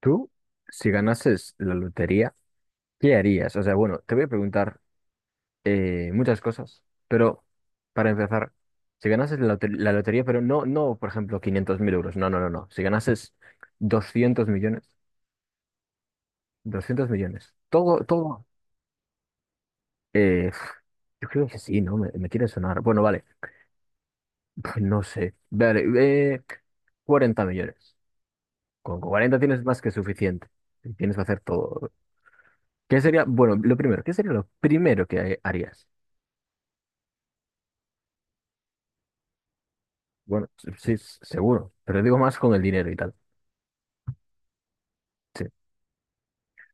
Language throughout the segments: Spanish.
Tú, si ganases la lotería, ¿qué harías? O sea, bueno, te voy a preguntar muchas cosas, pero para empezar, si ganases la, la lotería, pero no, no, por ejemplo, 500.000 euros, no, no, no, no. Si ganases 200 millones, 200 millones, todo, todo, eh, pf, yo creo que sí, ¿no? Me quiere sonar. Bueno, vale, no sé, vale, eh, 40 millones. Con 40 tienes más que suficiente, tienes que hacer todo. ¿Qué sería, bueno, lo primero? ¿Qué sería lo primero que harías? Bueno, sí, seguro, pero digo más con el dinero y tal. Sí.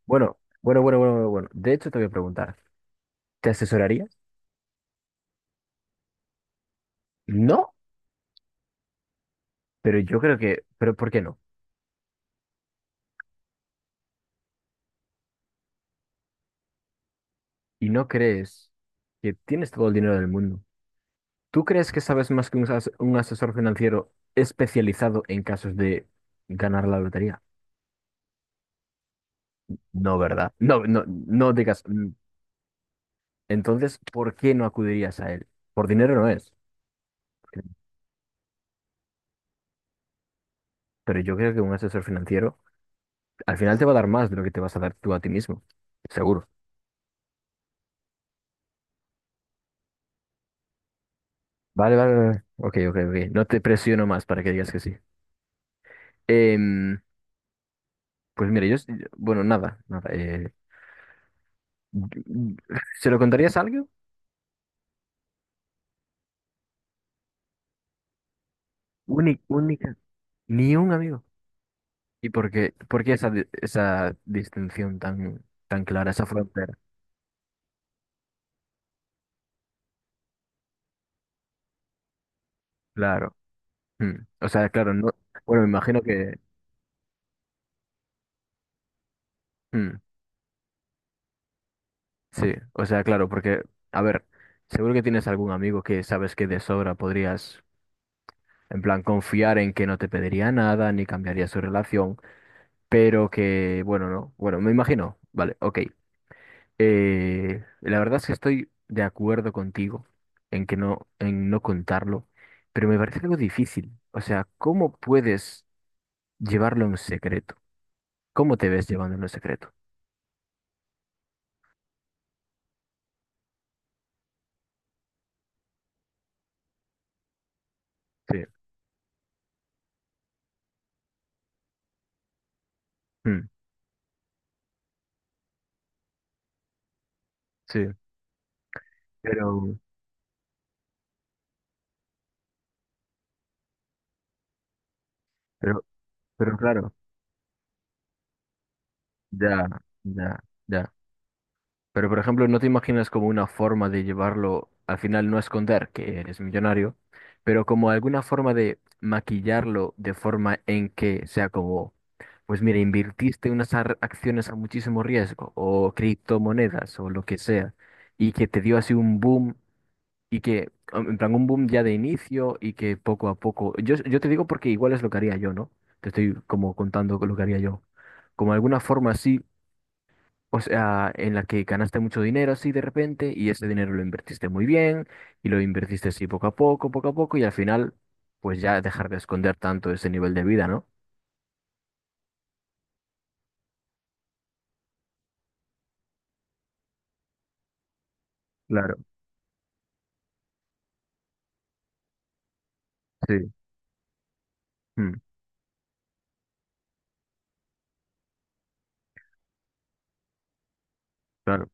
Bueno, bueno, bueno, bueno, bueno, bueno. De hecho, te voy a preguntar, ¿te asesoraría? No, pero yo creo que, pero ¿por qué no? Y no crees que tienes todo el dinero del mundo. ¿Tú crees que sabes más que un, un asesor financiero especializado en casos de ganar la lotería? No, ¿verdad? No, no, no digas. Mm. Entonces, ¿por qué no acudirías a él? Por dinero no es. Pero yo creo que un asesor financiero al final te va a dar más de lo que te vas a dar tú a ti mismo, seguro. Vale, vale, vale. Ok, ok, ok. No te presiono más para que digas que sí. Em, pues mira, yo, bueno, nada, nada. ¿Se lo contarías a alguien? Única, única, ni un amigo. ¿Y por qué esa, esa distinción tan, tan clara, esa frontera? Claro. Mm. O sea, claro, no. Bueno, me imagino que. Mm, sí, o sea, claro, porque, a ver, seguro que tienes algún amigo que sabes que de sobra podrías. En plan, confiar en que no te pediría nada ni cambiaría su relación, pero que, bueno, no. Bueno, me imagino. Vale, ok. La verdad es que estoy de acuerdo contigo en que no, en no contarlo, pero me parece algo difícil. O sea, ¿cómo puedes llevarlo en secreto? ¿Cómo te ves llevándolo en secreto? Sí, mm, sí. Pero, pero, pero claro, ya, ya, ya. Pero, por ejemplo, ¿no te imaginas como una forma de llevarlo, al final no esconder que eres millonario, pero como alguna forma de maquillarlo de forma en que sea como, pues mira, invertiste unas acciones a muchísimo riesgo o criptomonedas o lo que sea, y que te dio así un boom y que, en plan, un boom ya de inicio y que poco a poco, yo te digo porque igual es lo que haría yo, ¿no? Te estoy como contando lo que haría yo. Como alguna forma así, o sea, en la que ganaste mucho dinero así de repente y ese dinero lo invertiste muy bien y lo invertiste así poco a poco y al final, pues ya dejar de esconder tanto ese nivel de vida, ¿no? Claro, sí, mm, claro,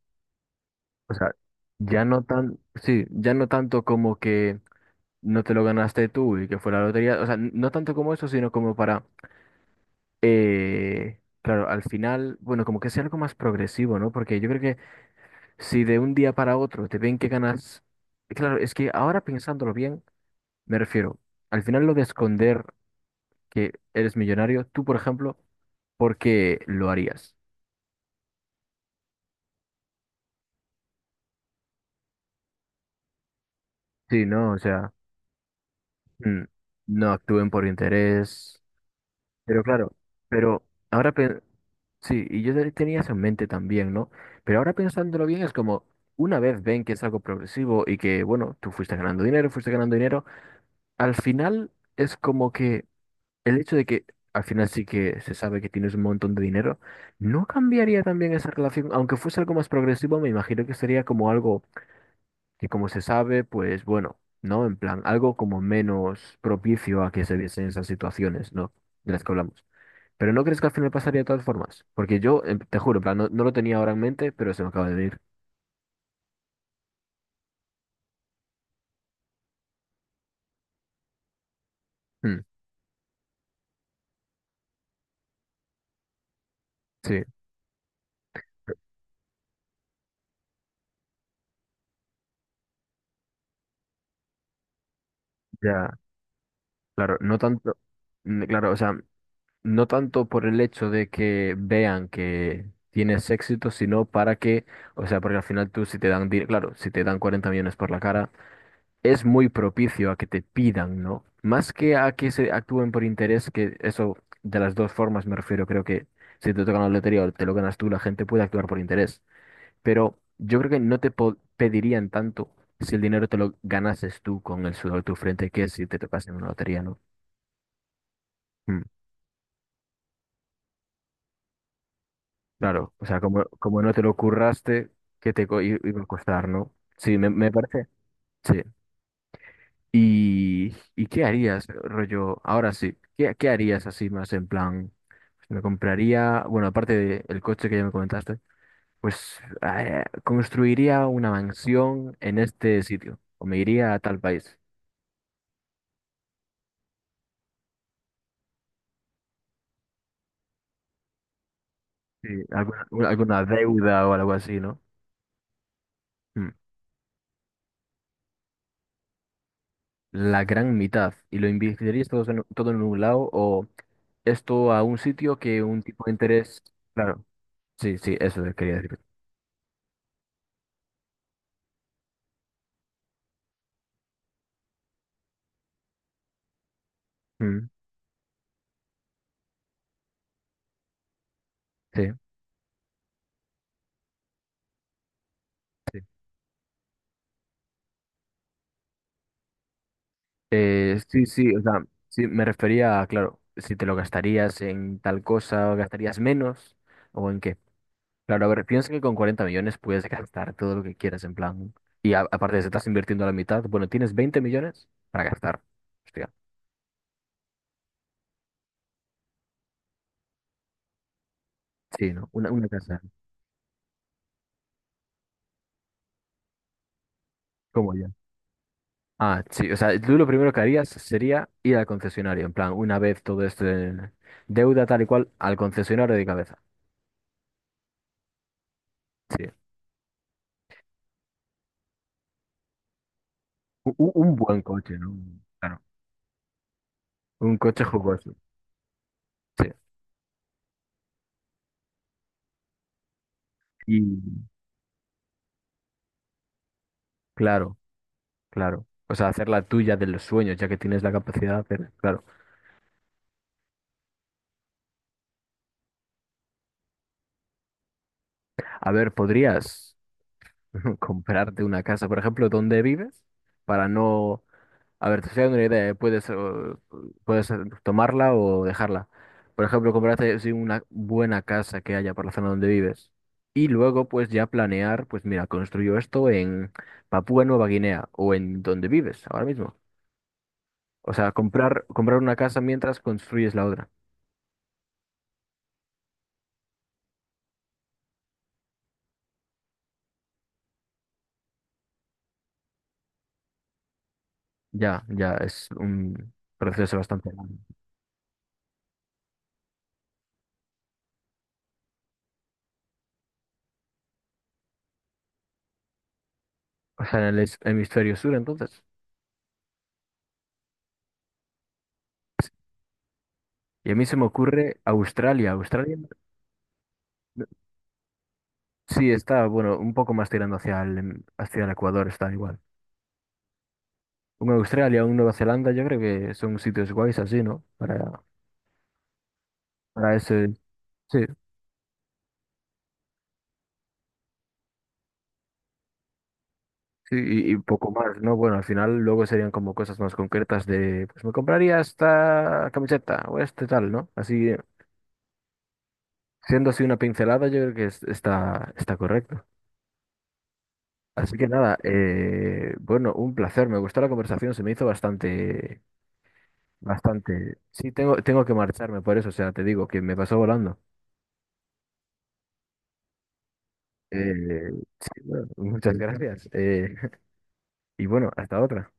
o sea, ya no tan, sí, ya no tanto como que no te lo ganaste tú y que fue la lotería, o sea, no tanto como eso, sino como para, claro, al final, bueno, como que sea algo más progresivo, ¿no? Porque yo creo que si de un día para otro te ven que ganas, claro, es que ahora pensándolo bien. Me refiero, al final lo de esconder que eres millonario, tú, por ejemplo, ¿por qué lo harías? Sí, ¿no? O sea, mm, no actúen por interés. Pero claro, pero ahora, sí, y yo tenía eso en mente también, ¿no? Pero ahora pensándolo bien, es como, una vez ven que es algo progresivo y que, bueno, tú fuiste ganando dinero, al final es como que... El hecho de que al final sí que se sabe que tienes un montón de dinero, ¿no cambiaría también esa relación? Aunque fuese algo más progresivo, me imagino que sería como algo que como se sabe, pues bueno, ¿no? En plan, algo como menos propicio a que se viesen esas situaciones, ¿no? De las que hablamos. Pero ¿no crees que al final pasaría de todas formas? Porque yo, te juro, en plan, no, no lo tenía ahora en mente, pero se me acaba de venir. Hmm, sí, ya, claro, no tanto, mm, claro, o sea... No tanto por el hecho de que vean que tienes éxito, sino para que, o sea, porque al final tú si te dan, claro, si te dan 40 millones por la cara, es muy propicio a que te pidan, ¿no? Más que a que se actúen por interés, que eso de las dos formas me refiero, creo que si te toca la lotería o te lo ganas tú, la gente puede actuar por interés, pero yo creo que no te pedirían tanto si el dinero te lo ganases tú con el sudor de tu frente que si te tocas en una lotería, ¿no? Claro, o sea, como, como no te lo curraste, ¿qué te iba a costar, no? Sí, me parece. Sí. ¿Y qué harías, rollo? Ahora sí, ¿qué harías así más en plan? Pues, me compraría, bueno, aparte del coche que ya me comentaste, pues construiría una mansión en este sitio, o me iría a tal país. Sí, alguna, alguna deuda o algo así, ¿no? Mm. La gran mitad y lo invertirías todo en, todo en un lado o esto a un sitio que un tipo de interés. Claro, sí, sí, eso quería decir. Mm, sí, sí. Sí, sí, o sea, sí, me refería a, claro, si te lo gastarías en tal cosa o gastarías menos o en qué. Claro, a ver, piensa que con 40 millones puedes gastar todo lo que quieras en plan. Y aparte, si estás invirtiendo la mitad, bueno, tienes 20 millones para gastar. Hostia, sí, ¿no? Una casa, como yo. Ah, sí, o sea, tú lo primero que harías sería ir al concesionario, en plan, una vez todo esto en deuda tal y cual, al concesionario de cabeza. Sí. Un, buen coche, ¿no? Claro. Un coche jugoso. Sí. Y claro, claro. O sea, hacer la tuya de los sueños, ya que tienes la capacidad de hacer, claro. A ver, ¿podrías comprarte una casa, por ejemplo, donde vives? Para no. A ver, te estoy dando una idea, ¿eh? Puedes, puedes tomarla o dejarla. Por ejemplo, comprarte sí, una buena casa que haya por la zona donde vives. Y luego, pues ya planear, pues mira, construyo esto en Papúa Nueva Guinea o en donde vives ahora mismo. O sea, comprar una casa mientras construyes la otra. Ya, ya es un proceso bastante largo. O sea, en el hemisferio sur, entonces. Y a mí se me ocurre Australia. Australia. Sí, está, bueno, un poco más tirando hacia el Ecuador, está igual. Un Australia, un Nueva Zelanda, yo creo que son sitios guays así, ¿no? Para ese, sí, sí, y poco más, ¿no? Bueno, al final luego serían como cosas más concretas de, pues me compraría esta camiseta o este tal, ¿no? Así, siendo así una pincelada, yo creo que está correcto. Así que nada, bueno, un placer, me gustó la conversación, se me hizo bastante, bastante. Sí, tengo que marcharme por eso, o sea, te digo que me pasó volando. Eh, sí, bueno, muchas gracias. Y bueno, hasta otra.